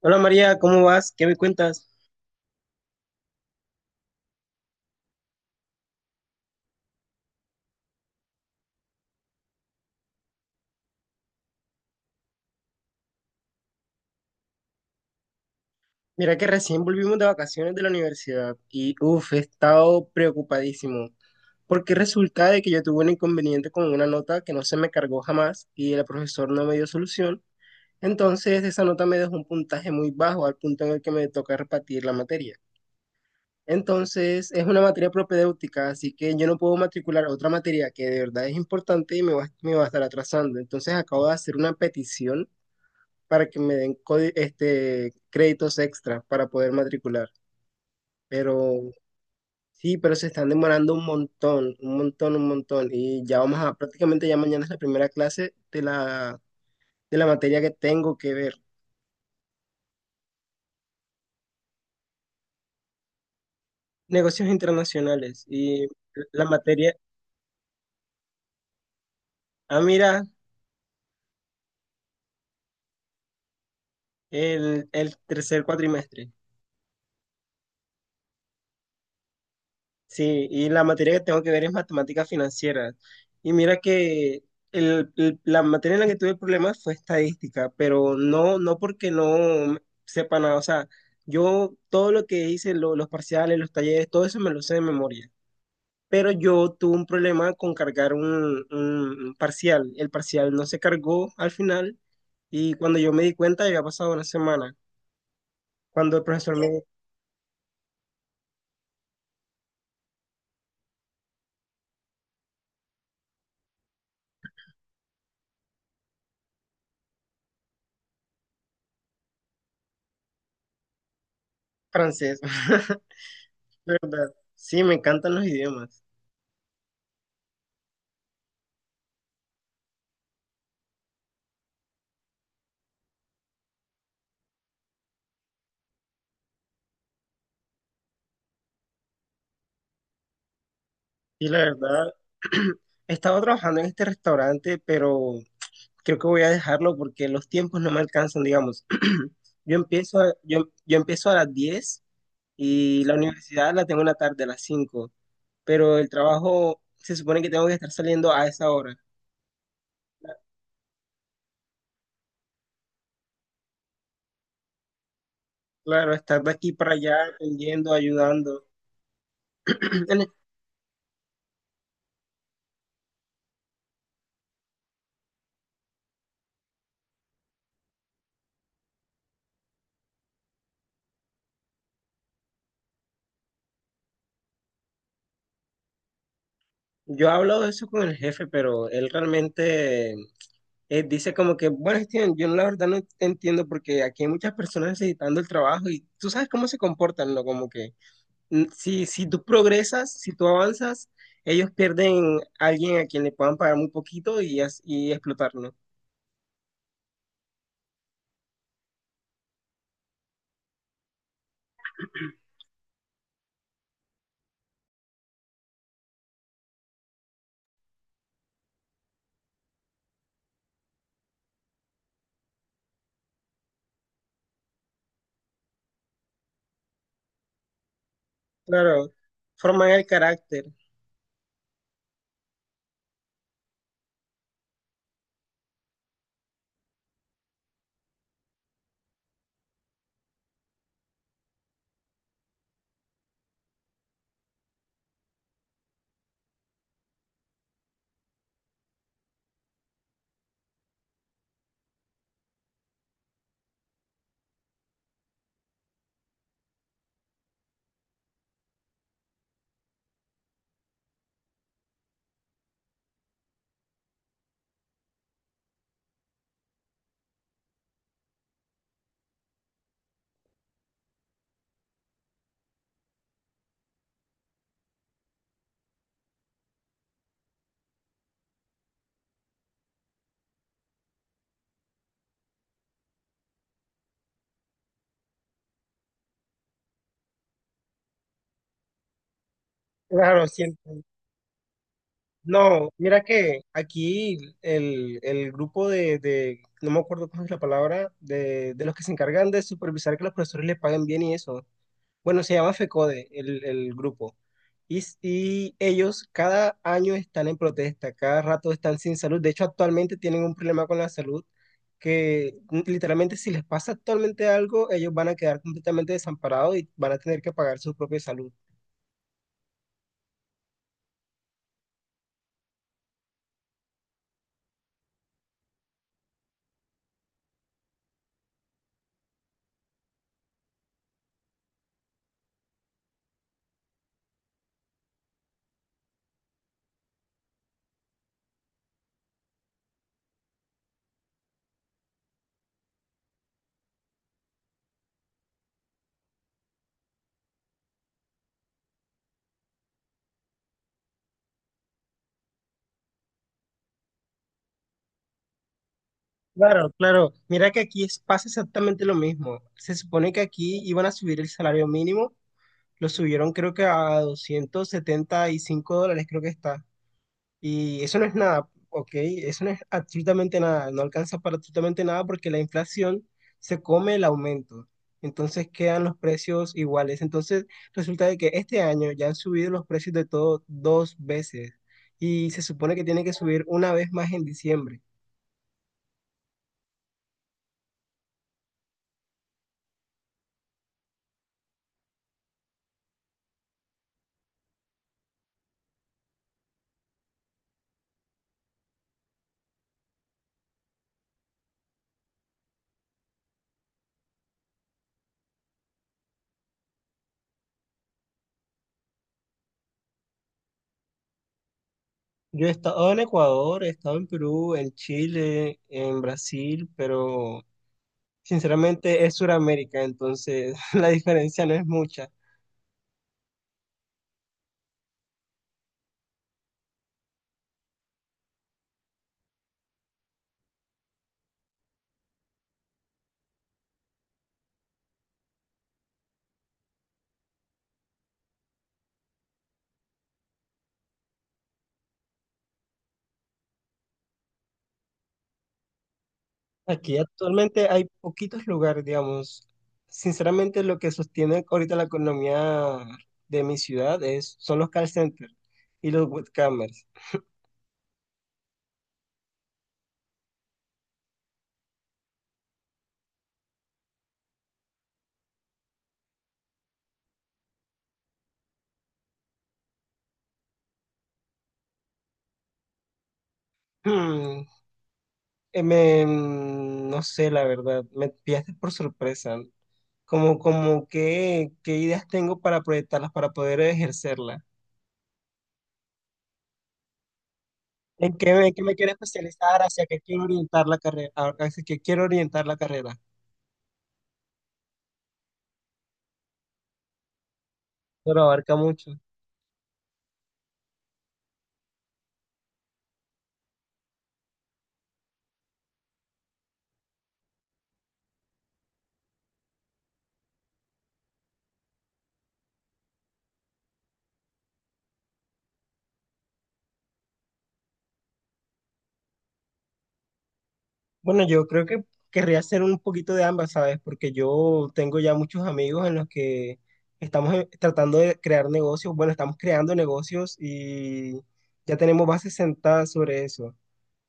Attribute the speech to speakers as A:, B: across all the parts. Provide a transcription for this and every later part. A: Hola María, ¿cómo vas? ¿Qué me cuentas? Mira que recién volvimos de vacaciones de la universidad y uff, he estado preocupadísimo porque resulta de que yo tuve un inconveniente con una nota que no se me cargó jamás y el profesor no me dio solución. Entonces esa nota me dejó un puntaje muy bajo al punto en el que me toca repartir la materia. Entonces es una materia propedéutica, así que yo no puedo matricular otra materia que de verdad es importante y me va a estar atrasando. Entonces acabo de hacer una petición para que me den créditos extra para poder matricular. Pero sí, pero se están demorando un montón, un montón, un montón. Y ya vamos a, prácticamente ya mañana es la primera clase de la materia que tengo que ver. Negocios internacionales y la materia, ah, mira, el tercer cuatrimestre. Sí, y la materia que tengo que ver es matemáticas financieras. Y mira que la materia en la que tuve problemas fue estadística, pero no, no porque no sepa nada. O sea, yo todo lo que hice, los parciales, los talleres, todo eso me lo sé de memoria. Pero yo tuve un problema con cargar un parcial. El parcial no se cargó al final y cuando yo me di cuenta ya había pasado una semana. Cuando el profesor me... Francés, ¿verdad? Sí, me encantan los idiomas. Y la verdad, he estado trabajando en este restaurante, pero creo que voy a dejarlo porque los tiempos no me alcanzan, digamos. Yo empiezo a, yo empiezo a las 10 y la universidad la tengo en la tarde a las 5, pero el trabajo se supone que tengo que estar saliendo a esa hora. Claro, estar de aquí para allá, atendiendo, ayudando. Yo hablo de eso con el jefe, pero él realmente dice como que, bueno, Steven, yo la verdad no te entiendo porque aquí hay muchas personas necesitando el trabajo y tú sabes cómo se comportan, ¿no? Como que si tú progresas, si tú avanzas, ellos pierden a alguien a quien le puedan pagar muy poquito y, y explotarlo. Claro, forman el carácter. Claro, siempre. No, mira que aquí el grupo no me acuerdo cómo es la palabra, de, los que se encargan de supervisar que los profesores les paguen bien y eso. Bueno, se llama FECODE, el grupo. Y ellos cada año están en protesta, cada rato están sin salud. De hecho, actualmente tienen un problema con la salud que literalmente si les pasa actualmente algo, ellos van a quedar completamente desamparados y van a tener que pagar su propia salud. Claro, claro. Mira que aquí es- pasa exactamente lo mismo. Se supone que aquí iban a subir el salario mínimo, lo subieron creo que a $275, creo que está. Y eso no es nada, ¿ok? Eso no es absolutamente nada, no alcanza para absolutamente nada porque la inflación se come el aumento. Entonces quedan los precios iguales. Entonces resulta de que este año ya han subido los precios de todo dos veces y se supone que tiene que subir una vez más en diciembre. Yo he estado en Ecuador, he estado en Perú, en Chile, en Brasil, pero sinceramente es Sudamérica, entonces la diferencia no es mucha. Aquí actualmente hay poquitos lugares, digamos. Sinceramente, lo que sostiene ahorita la economía de mi ciudad es, son los call centers y los webcamers. Hmm, no sé, la verdad, me pillaste por sorpresa. Como qué, ideas tengo para proyectarlas, para poder ejercerlas. ¿ Qué me quiero especializar? ¿Hacia qué quiero orientar la carrera? ¿Hacia qué quiero orientar la carrera? Pero abarca mucho. Bueno, yo creo que querría hacer un poquito de ambas, ¿sabes? Porque yo tengo ya muchos amigos en los que estamos tratando de crear negocios. Bueno, estamos creando negocios y ya tenemos bases sentadas sobre eso.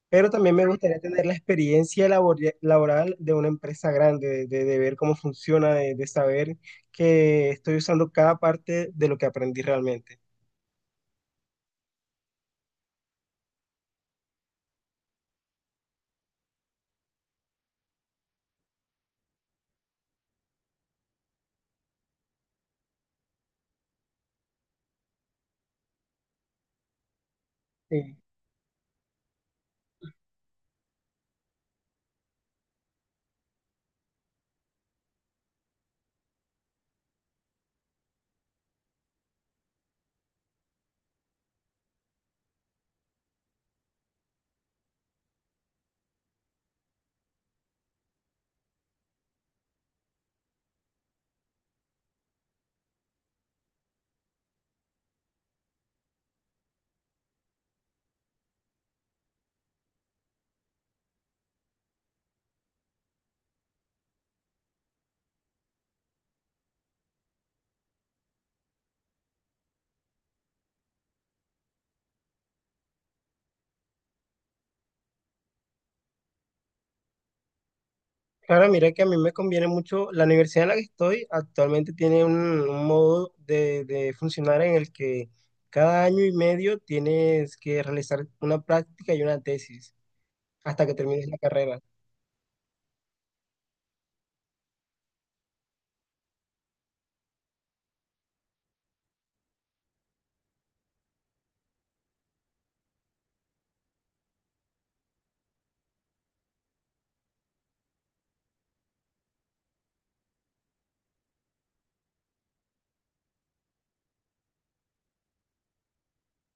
A: Pero también me gustaría tener la experiencia laboral de una empresa grande, de, ver cómo funciona, de, saber que estoy usando cada parte de lo que aprendí realmente. Sí. Claro, mira que a mí me conviene mucho, la universidad en la que estoy actualmente tiene un, modo de funcionar en el que cada año y medio tienes que realizar una práctica y una tesis hasta que termines la carrera.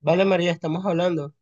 A: Vale, María, estamos hablando.